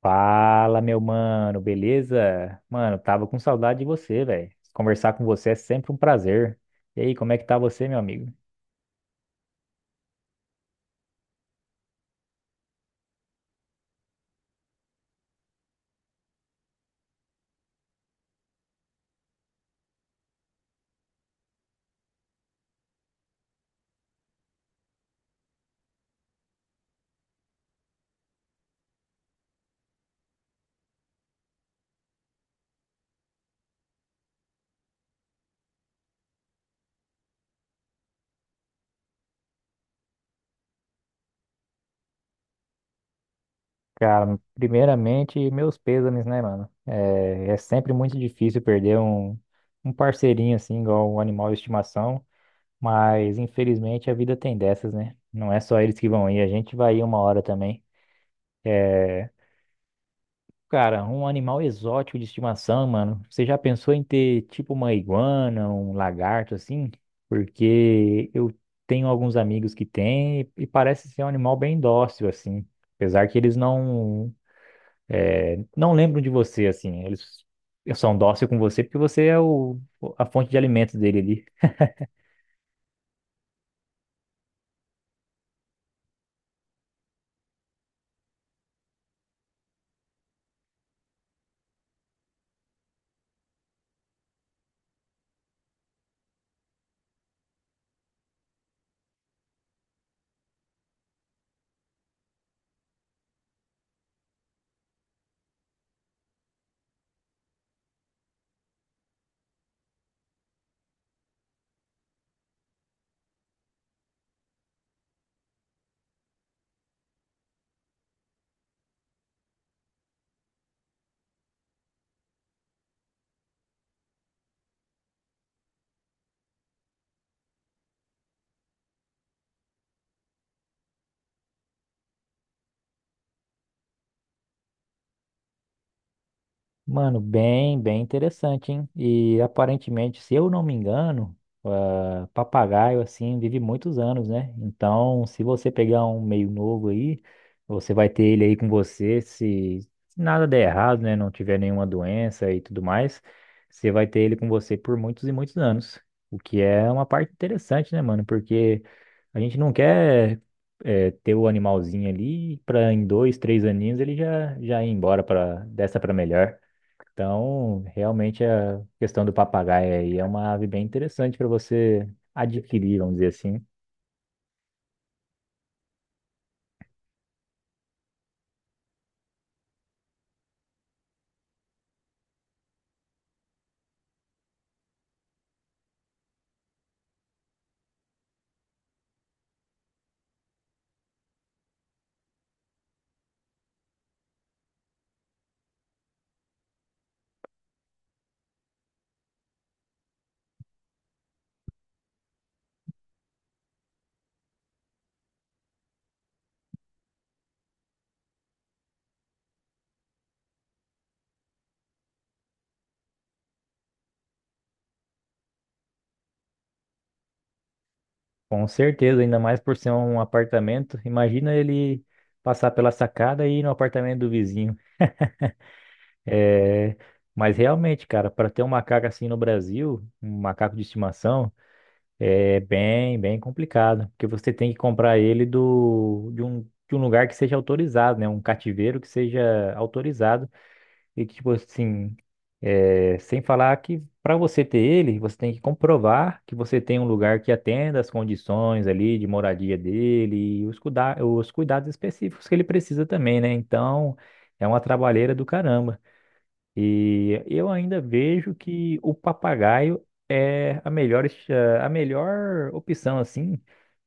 Fala, meu mano, beleza? Mano, tava com saudade de você, velho. Conversar com você é sempre um prazer. E aí, como é que tá você, meu amigo? Cara, primeiramente, meus pêsames, né, mano? É sempre muito difícil perder um parceirinho assim, igual um animal de estimação, mas infelizmente a vida tem dessas, né? Não é só eles que vão ir, a gente vai ir uma hora também. Cara, um animal exótico de estimação, mano. Você já pensou em ter tipo uma iguana, um lagarto assim? Porque eu tenho alguns amigos que têm e parece ser um animal bem dócil assim, apesar que eles não não lembram de você assim. Eles são dóceis com você porque você é a fonte de alimentos dele. Mano, bem, bem interessante, hein? E aparentemente, se eu não me engano, ah, papagaio assim vive muitos anos, né? Então, se você pegar um meio novo aí, você vai ter ele aí com você, se nada der errado, né? Não tiver nenhuma doença e tudo mais, você vai ter ele com você por muitos e muitos anos. O que é uma parte interessante, né, mano? Porque a gente não quer ter o animalzinho ali para em 2, 3 aninhos ele já já ir embora para dessa para melhor. Então, realmente a questão do papagaio aí é uma ave bem interessante para você adquirir, vamos dizer assim. Com certeza, ainda mais por ser um apartamento. Imagina ele passar pela sacada e ir no apartamento do vizinho. É. Mas realmente, cara, para ter um macaco assim no Brasil, um macaco de estimação, é bem, bem complicado, porque você tem que comprar ele do de um lugar que seja autorizado, né? Um cativeiro que seja autorizado. E que, tipo assim, é, sem falar que para você ter ele, você tem que comprovar que você tem um lugar que atenda as condições ali de moradia dele e os cuidados específicos que ele precisa também, né? Então, é uma trabalheira do caramba. E eu ainda vejo que o papagaio é a melhor, a melhor opção, assim,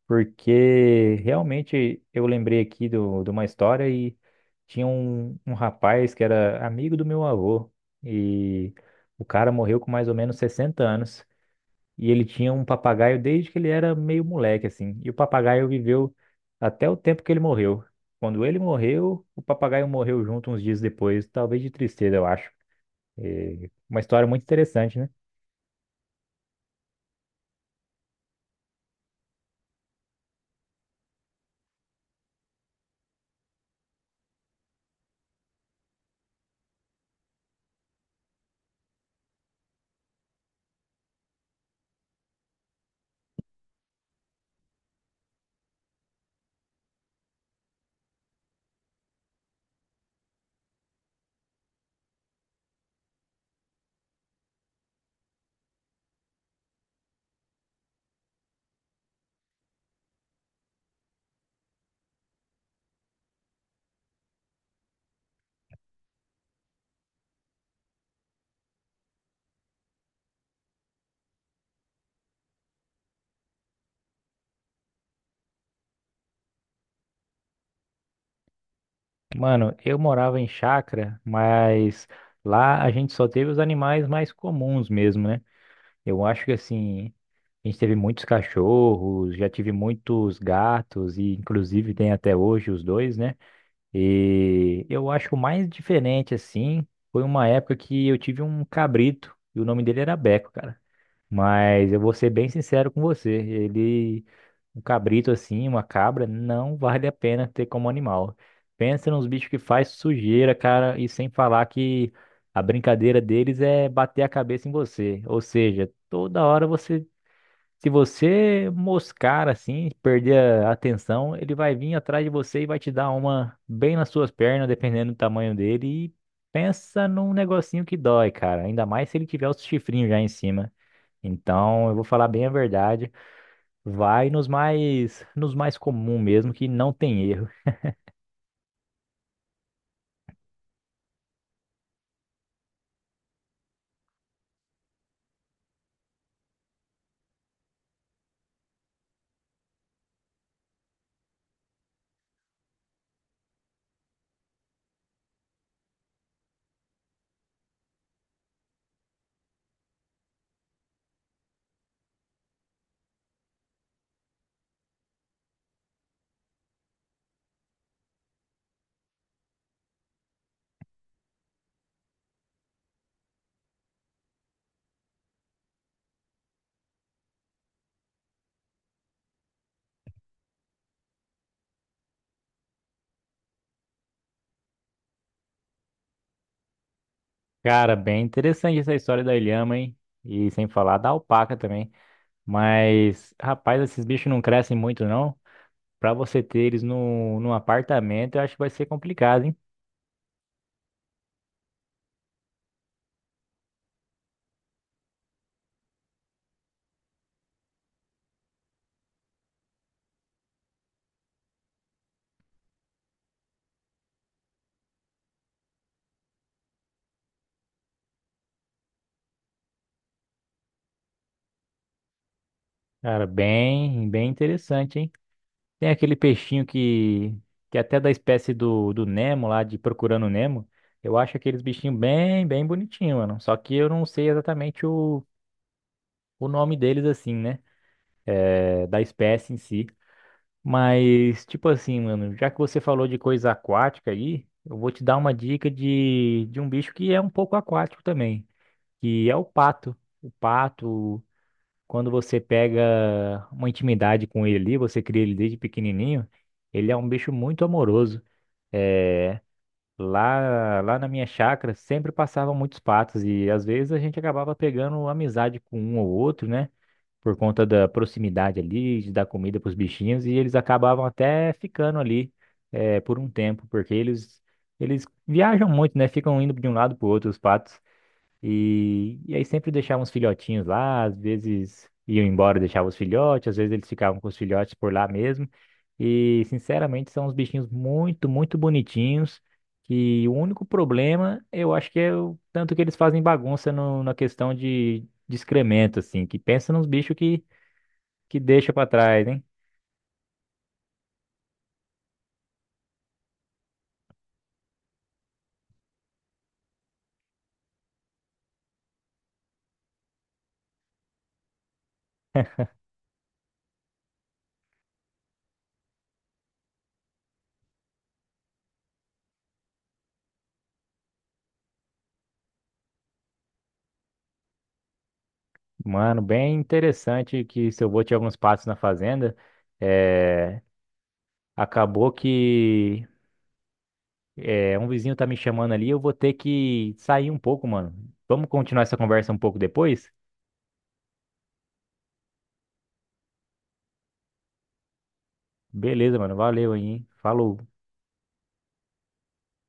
porque realmente eu lembrei aqui do, de uma história e tinha um rapaz que era amigo do meu avô e o cara morreu com mais ou menos 60 anos e ele tinha um papagaio desde que ele era meio moleque assim. E o papagaio viveu até o tempo que ele morreu. Quando ele morreu, o papagaio morreu junto uns dias depois, talvez de tristeza, eu acho. É uma história muito interessante, né? Mano, eu morava em chácara, mas lá a gente só teve os animais mais comuns mesmo, né? Eu acho que assim, a gente teve muitos cachorros, já tive muitos gatos, e inclusive tem até hoje os dois, né? E eu acho que o mais diferente, assim, foi uma época que eu tive um cabrito, e o nome dele era Beco, cara. Mas eu vou ser bem sincero com você. Ele, um cabrito assim, uma cabra, não vale a pena ter como animal. Pensa nos bichos que faz sujeira, cara, e sem falar que a brincadeira deles é bater a cabeça em você. Ou seja, toda hora você, se você moscar assim, perder a atenção, ele vai vir atrás de você e vai te dar uma bem nas suas pernas, dependendo do tamanho dele. E pensa num negocinho que dói, cara. Ainda mais se ele tiver os chifrinhos já em cima. Então, eu vou falar bem a verdade. Vai nos mais comum mesmo, que não tem erro. Cara, bem interessante essa história da ilhama, hein? E sem falar da alpaca também. Mas, rapaz, esses bichos não crescem muito, não. Pra você ter eles no, num apartamento, eu acho que vai ser complicado, hein? Cara, bem, bem interessante, hein? Tem aquele peixinho que é até da espécie do Nemo lá, de Procurando Nemo. Eu acho aqueles bichinhos bem, bem bonitinhos, mano. Só que eu não sei exatamente o nome deles, assim, né? É, da espécie em si. Mas, tipo assim, mano, já que você falou de coisa aquática aí, eu vou te dar uma dica de, um bicho que é um pouco aquático também, que é o pato. O pato, quando você pega uma intimidade com ele ali, você cria ele desde pequenininho, ele é um bicho muito amoroso. É, lá, na minha chácara sempre passavam muitos patos e às vezes a gente acabava pegando amizade com um ou outro, né? Por conta da proximidade ali, de dar comida para os bichinhos, e eles acabavam até ficando ali por um tempo, porque eles viajam muito, né? Ficam indo de um lado para o outro, os patos, e aí sempre deixavam os filhotinhos lá, às vezes iam embora e deixavam os filhotes, às vezes eles ficavam com os filhotes por lá mesmo, e sinceramente são uns bichinhos muito, muito bonitinhos. Que o único problema, eu acho que é o tanto que eles fazem bagunça na questão de excremento, assim, que pensa nos bichos que deixa pra trás, hein? Mano, bem interessante que seu avô tinha alguns passos na fazenda. É, acabou que um vizinho tá me chamando ali, eu vou ter que sair um pouco, mano. Vamos continuar essa conversa um pouco depois? Beleza, mano. Valeu aí, hein? Falou.